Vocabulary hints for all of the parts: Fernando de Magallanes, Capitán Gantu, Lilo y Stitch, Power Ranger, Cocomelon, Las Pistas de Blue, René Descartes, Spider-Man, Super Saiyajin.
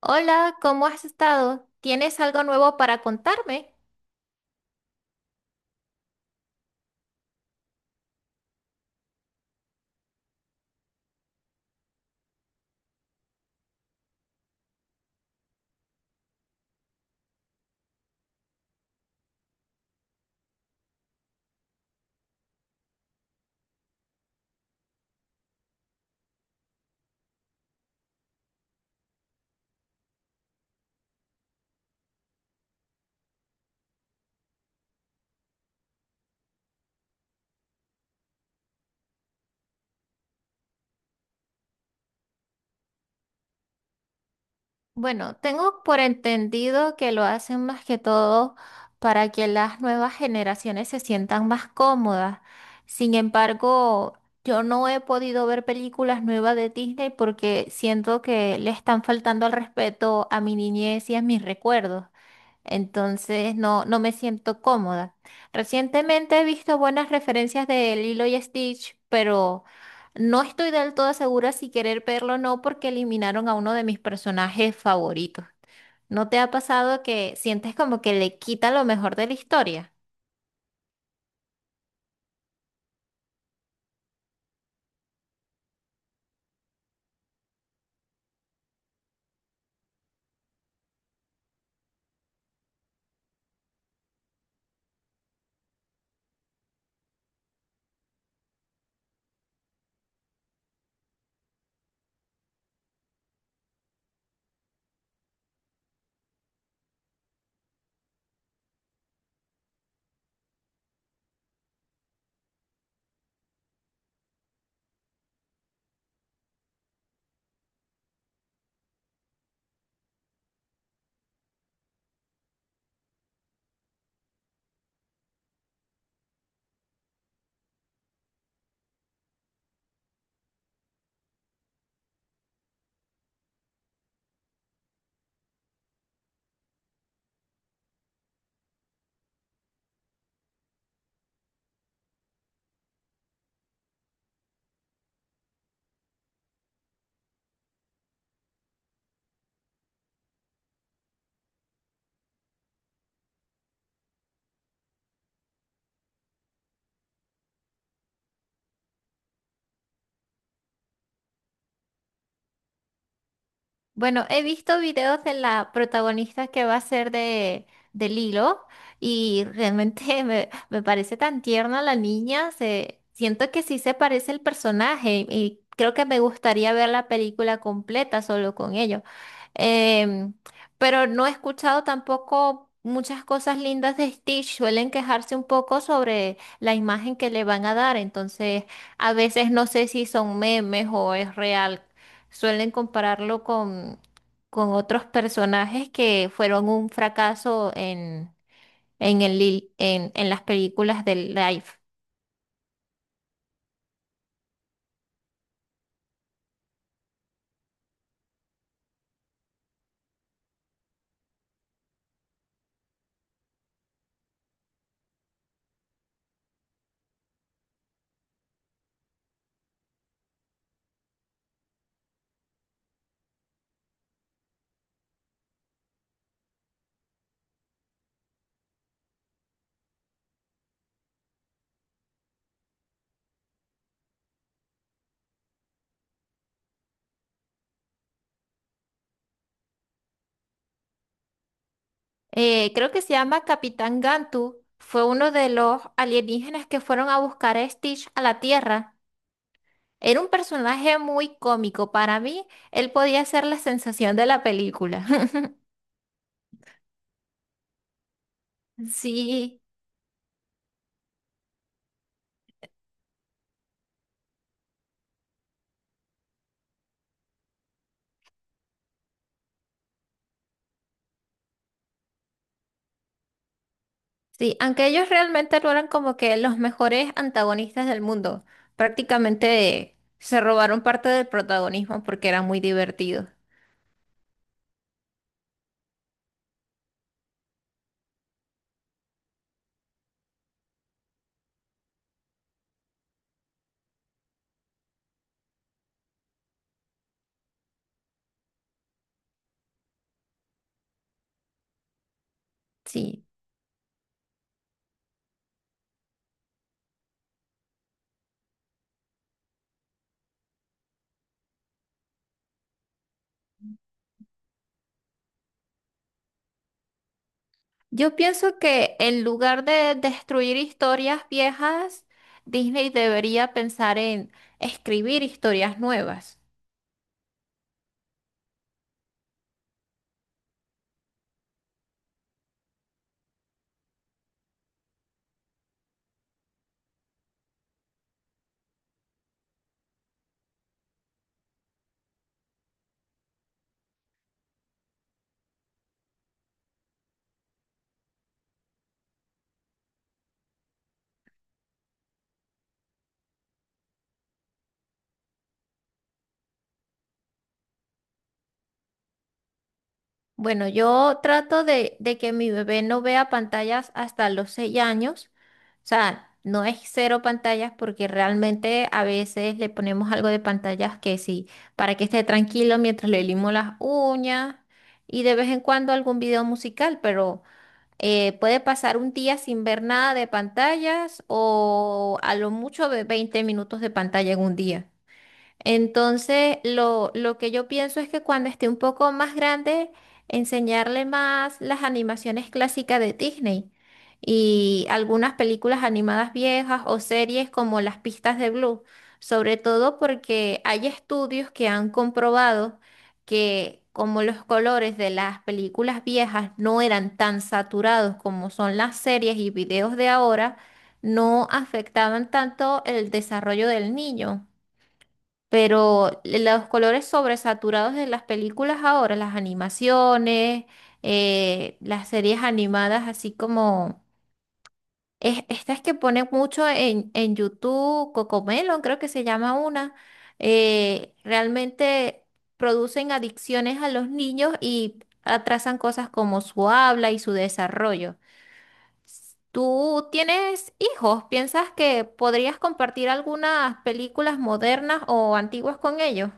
Hola, ¿cómo has estado? ¿Tienes algo nuevo para contarme? Bueno, tengo por entendido que lo hacen más que todo para que las nuevas generaciones se sientan más cómodas. Sin embargo, yo no he podido ver películas nuevas de Disney porque siento que le están faltando al respeto a mi niñez y a mis recuerdos. Entonces no, no me siento cómoda. Recientemente he visto buenas referencias de Lilo y Stitch, pero no estoy del todo segura si querer verlo o no porque eliminaron a uno de mis personajes favoritos. ¿No te ha pasado que sientes como que le quita lo mejor de la historia? Bueno, he visto videos de la protagonista que va a ser de Lilo y realmente me parece tan tierna la niña, se, siento que sí se parece el personaje y creo que me gustaría ver la película completa solo con ello. Em, pero no he escuchado tampoco muchas cosas lindas de Stitch, suelen quejarse un poco sobre la imagen que le van a dar, entonces a veces no sé si son memes o es real. Suelen compararlo con otros personajes que fueron un fracaso en, el, li- en las películas del live. Creo que se llama Capitán Gantu. Fue uno de los alienígenas que fueron a buscar a Stitch a la Tierra. Era un personaje muy cómico. Para mí, él podía ser la sensación de la película. Sí. Sí, aunque ellos realmente no eran como que los mejores antagonistas del mundo. Prácticamente se robaron parte del protagonismo porque eran muy divertidos. Sí. Yo pienso que en lugar de destruir historias viejas, Disney debería pensar en escribir historias nuevas. Bueno, yo trato de, que mi bebé no vea pantallas hasta los 6 años. O sea, no es cero pantallas porque realmente a veces le ponemos algo de pantallas que sí, para que esté tranquilo mientras le limo las uñas y de vez en cuando algún video musical, pero puede pasar un día sin ver nada de pantallas o a lo mucho 20 minutos de pantalla en un día. Entonces, lo que yo pienso es que cuando esté un poco más grande, enseñarle más las animaciones clásicas de Disney y algunas películas animadas viejas o series como Las Pistas de Blue, sobre todo porque hay estudios que han comprobado que como los colores de las películas viejas no eran tan saturados como son las series y videos de ahora, no afectaban tanto el desarrollo del niño. Pero los colores sobresaturados de las películas ahora, las animaciones, las series animadas, así como estas que ponen mucho en YouTube, Cocomelon, creo que se llama una, realmente producen adicciones a los niños y atrasan cosas como su habla y su desarrollo. ¿Tú tienes hijos? ¿Piensas que podrías compartir algunas películas modernas o antiguas con ellos?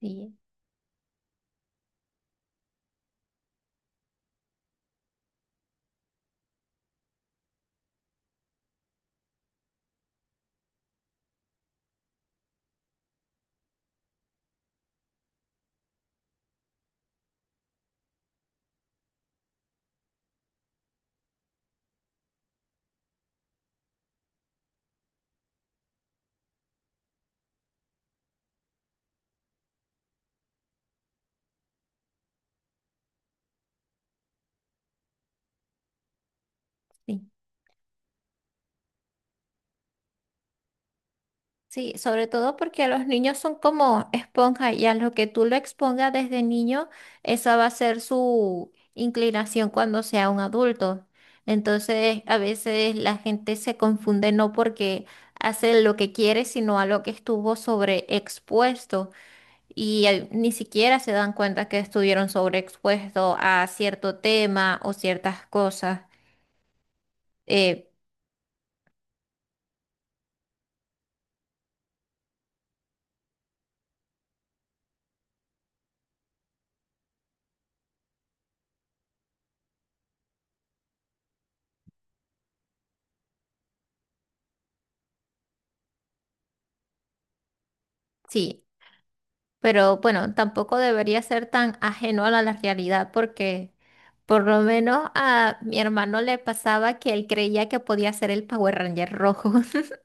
Sí, sí, sí, sobre todo porque los niños son como esponja y a lo que tú lo expongas desde niño, esa va a ser su inclinación cuando sea un adulto. Entonces, a veces la gente se confunde no porque hace lo que quiere, sino a lo que estuvo sobreexpuesto y ni siquiera se dan cuenta que estuvieron sobreexpuestos a cierto tema o ciertas cosas. Eh, sí. Pero bueno, tampoco debería ser tan ajeno a la realidad porque por lo menos a mi hermano le pasaba que él creía que podía ser el Power Ranger rojo.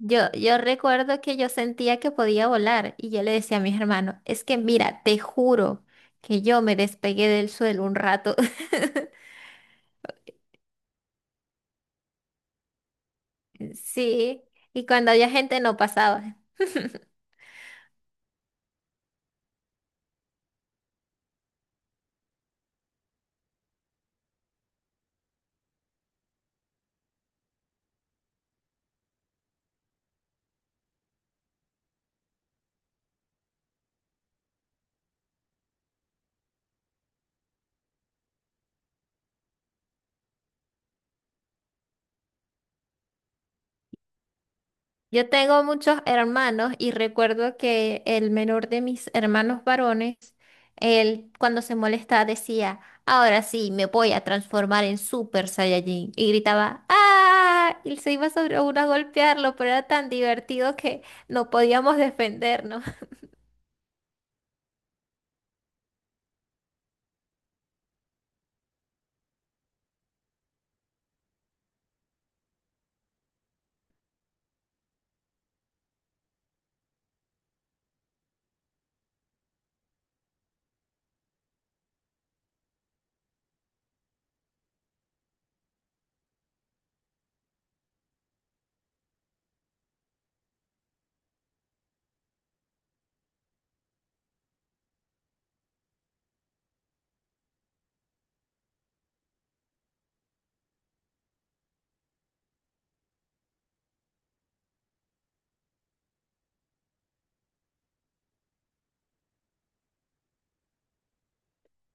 Yo recuerdo que yo sentía que podía volar y yo le decía a mis hermanos, es que mira, te juro que yo me despegué del suelo un rato. Sí, y cuando había gente no pasaba. Yo tengo muchos hermanos y recuerdo que el menor de mis hermanos varones, él cuando se molestaba decía, ahora sí me voy a transformar en Super Saiyajin. Y gritaba, ¡ah! Y se iba sobre uno a golpearlo, pero era tan divertido que no podíamos defendernos.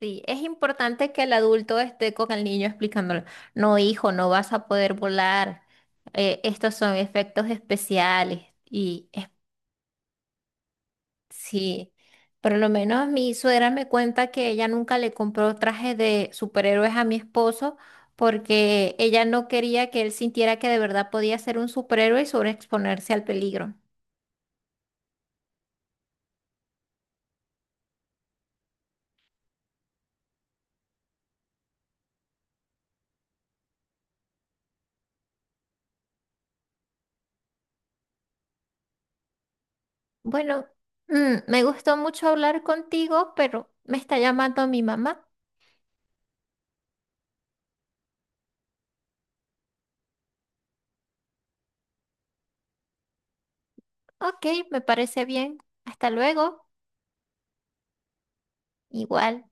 Sí, es importante que el adulto esté con el niño explicándolo, no hijo, no vas a poder volar, estos son efectos especiales. Y es. Sí, por lo menos mi suegra me cuenta que ella nunca le compró traje de superhéroes a mi esposo porque ella no quería que él sintiera que de verdad podía ser un superhéroe y sobreexponerse al peligro. Bueno, me gustó mucho hablar contigo, pero me está llamando mi mamá. Ok, me parece bien. Hasta luego. Igual.